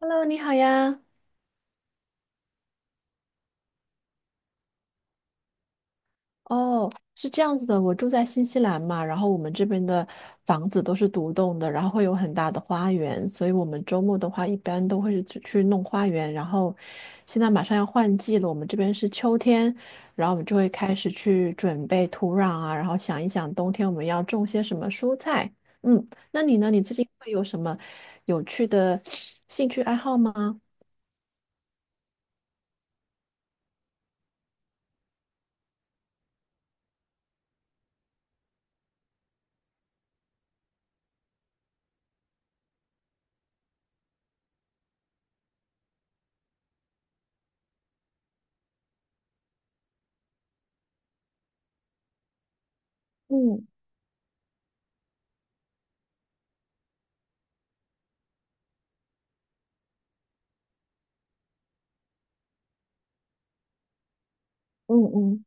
Hello，你好呀。哦，是这样子的，我住在新西兰嘛，然后我们这边的房子都是独栋的，然后会有很大的花园，所以我们周末的话一般都会是去弄花园。然后现在马上要换季了，我们这边是秋天，然后我们就会开始去准备土壤啊，然后想一想冬天我们要种些什么蔬菜。嗯，那你呢？你最近会有什么有趣的兴趣爱好吗？嗯嗯嗯，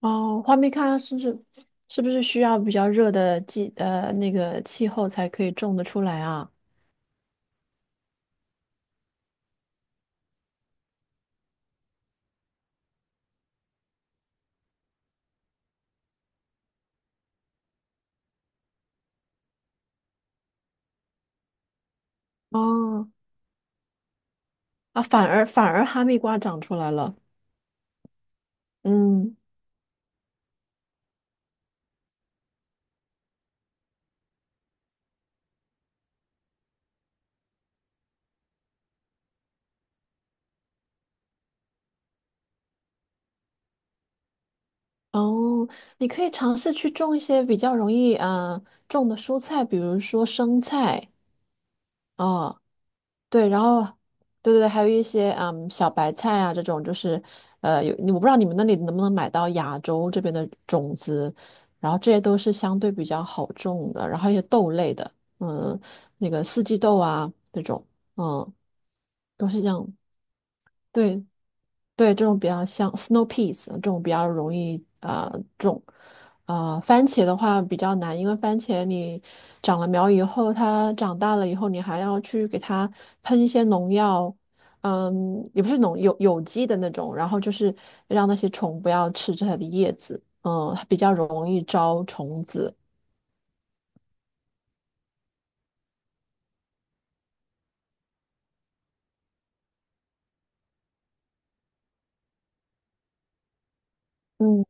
哦，画密咖是不是需要比较热的那个气候才可以种得出来啊？哦，啊，反而哈密瓜长出来了。嗯，哦，你可以尝试去种一些比较容易种的蔬菜，比如说生菜啊，对，然后对对对，还有一些小白菜啊这种，就是我不知道你们那里能不能买到亚洲这边的种子，然后这些都是相对比较好种的，然后一些豆类的，嗯，那个四季豆啊这种，嗯，都是这样。对，对，这种比较像 snow peas 这种比较容易啊、种，番茄的话比较难，因为番茄你长了苗以后，它长大了以后，你还要去给它喷一些农药，也不是有机的那种，然后就是让那些虫不要吃着它的叶子，它比较容易招虫子。嗯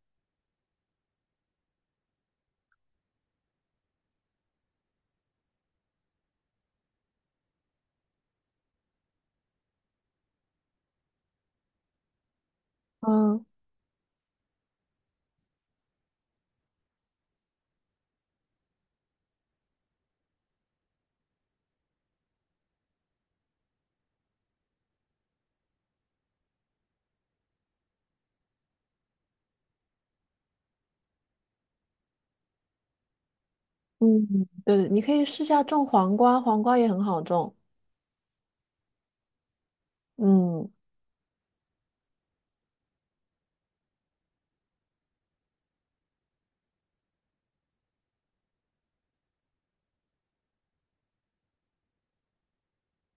嗯嗯，对，你可以试下种黄瓜，黄瓜也很好种，嗯。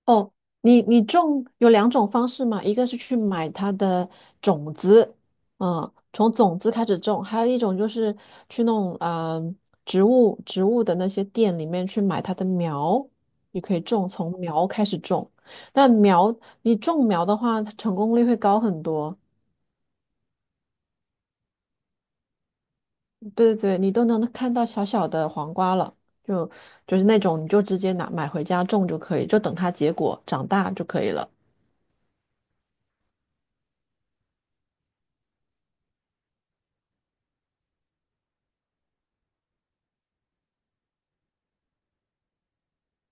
哦，你种有两种方式嘛，一个是去买它的种子，从种子开始种，还有一种就是去弄啊、呃植物植物的那些店里面去买它的苗，你可以种，从苗开始种。但苗你种苗的话，它成功率会高很多。对对对，你都能看到小小的黄瓜了，就就是那种你就直接拿买回家种就可以，就等它结果长大就可以了。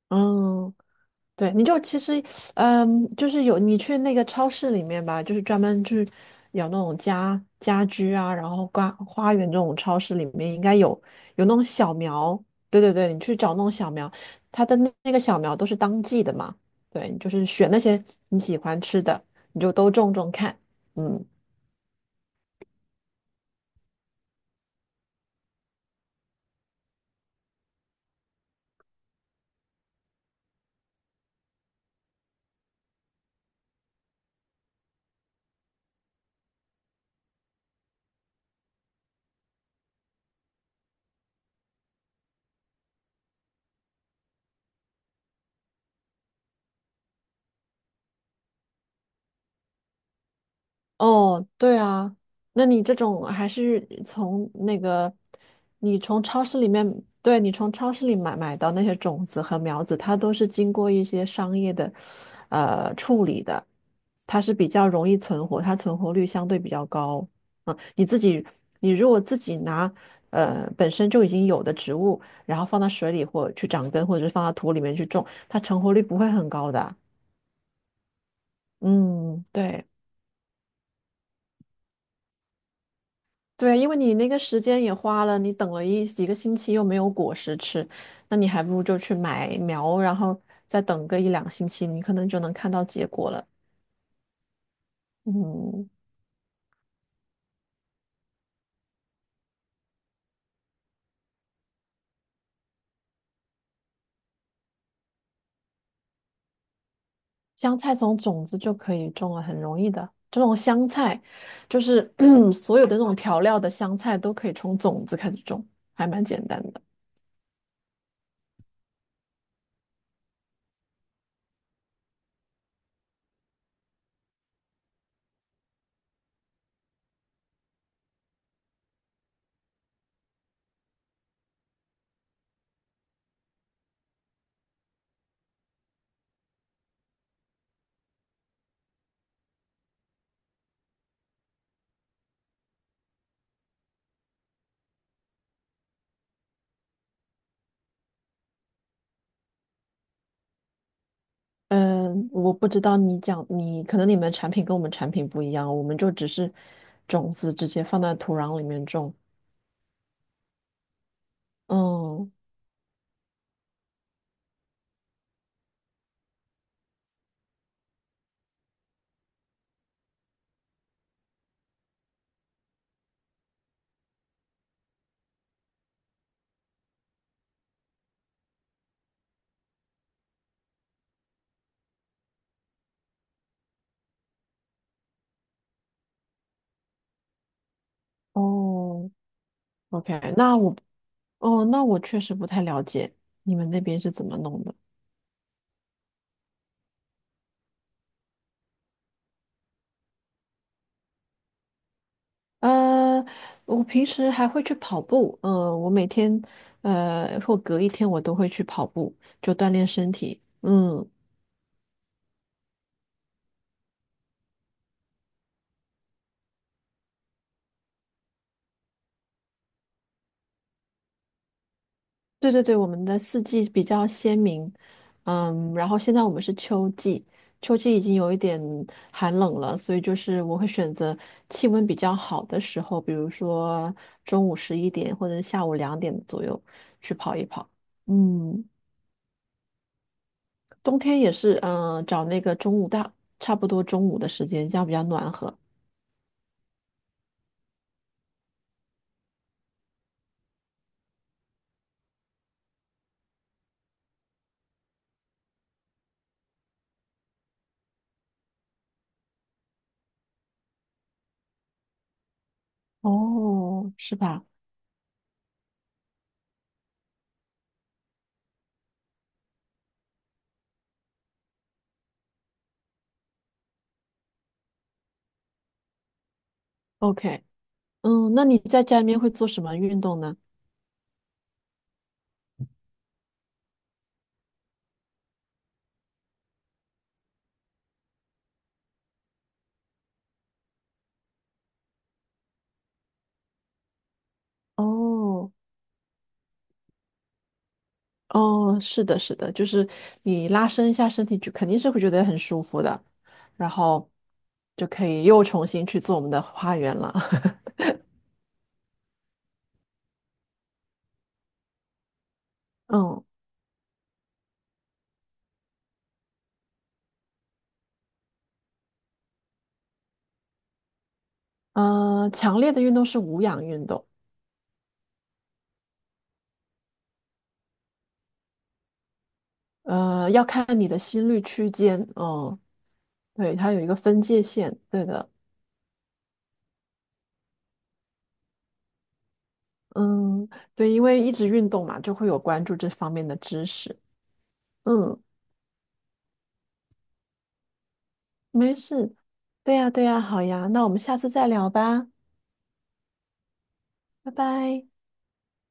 嗯。对，你就其实，就是有你去那个超市里面吧，就是专门就是有那种家居啊，然后花园这种超市里面应该有那种小苗，对对对，你去找那种小苗，它的那个小苗都是当季的嘛，对，你就是选那些你喜欢吃的，你就都种种看，嗯。哦，对啊，那你这种还是从那个，你从超市里面，对，你从超市里买到那些种子和苗子，它都是经过一些商业的，处理的，它是比较容易存活，它存活率相对比较高。嗯，你自己，你如果自己拿，本身就已经有的植物，然后放到水里或去长根，或者是放到土里面去种，它成活率不会很高的。嗯，对。对，因为你那个时间也花了，你等了几个星期又没有果实吃，那你还不如就去买苗，然后再等个一两星期，你可能就能看到结果了。嗯，香菜从种子就可以种了，很容易的。这种香菜，就是 所有的那种调料的香菜都可以从种子开始种，还蛮简单的。嗯，我不知道你可能你们产品跟我们产品不一样，我们就只是种子直接放在土壤里面种。嗯，哦，OK，那我确实不太了解你们那边是怎么弄的。呃，我平时还会去跑步，我每天或隔一天我都会去跑步，就锻炼身体。嗯，对对对，我们的四季比较鲜明，然后现在我们是秋季，秋季已经有一点寒冷了，所以就是我会选择气温比较好的时候，比如说中午11点或者下午2点左右去跑一跑。嗯。冬天也是，找那个中午大，差不多中午的时间，这样比较暖和。哦，是吧？OK，那你在家里面会做什么运动呢？哦，哦，是的，是的，就是你拉伸一下身体，就肯定是会觉得很舒服的，然后就可以又重新去做我们的花园了。嗯，强烈的运动是无氧运动，要看你的心率区间，嗯，对，它有一个分界线，对的。嗯，对，因为一直运动嘛，就会有关注这方面的知识。嗯，没事。对呀，对呀，好呀，那我们下次再聊吧，拜拜。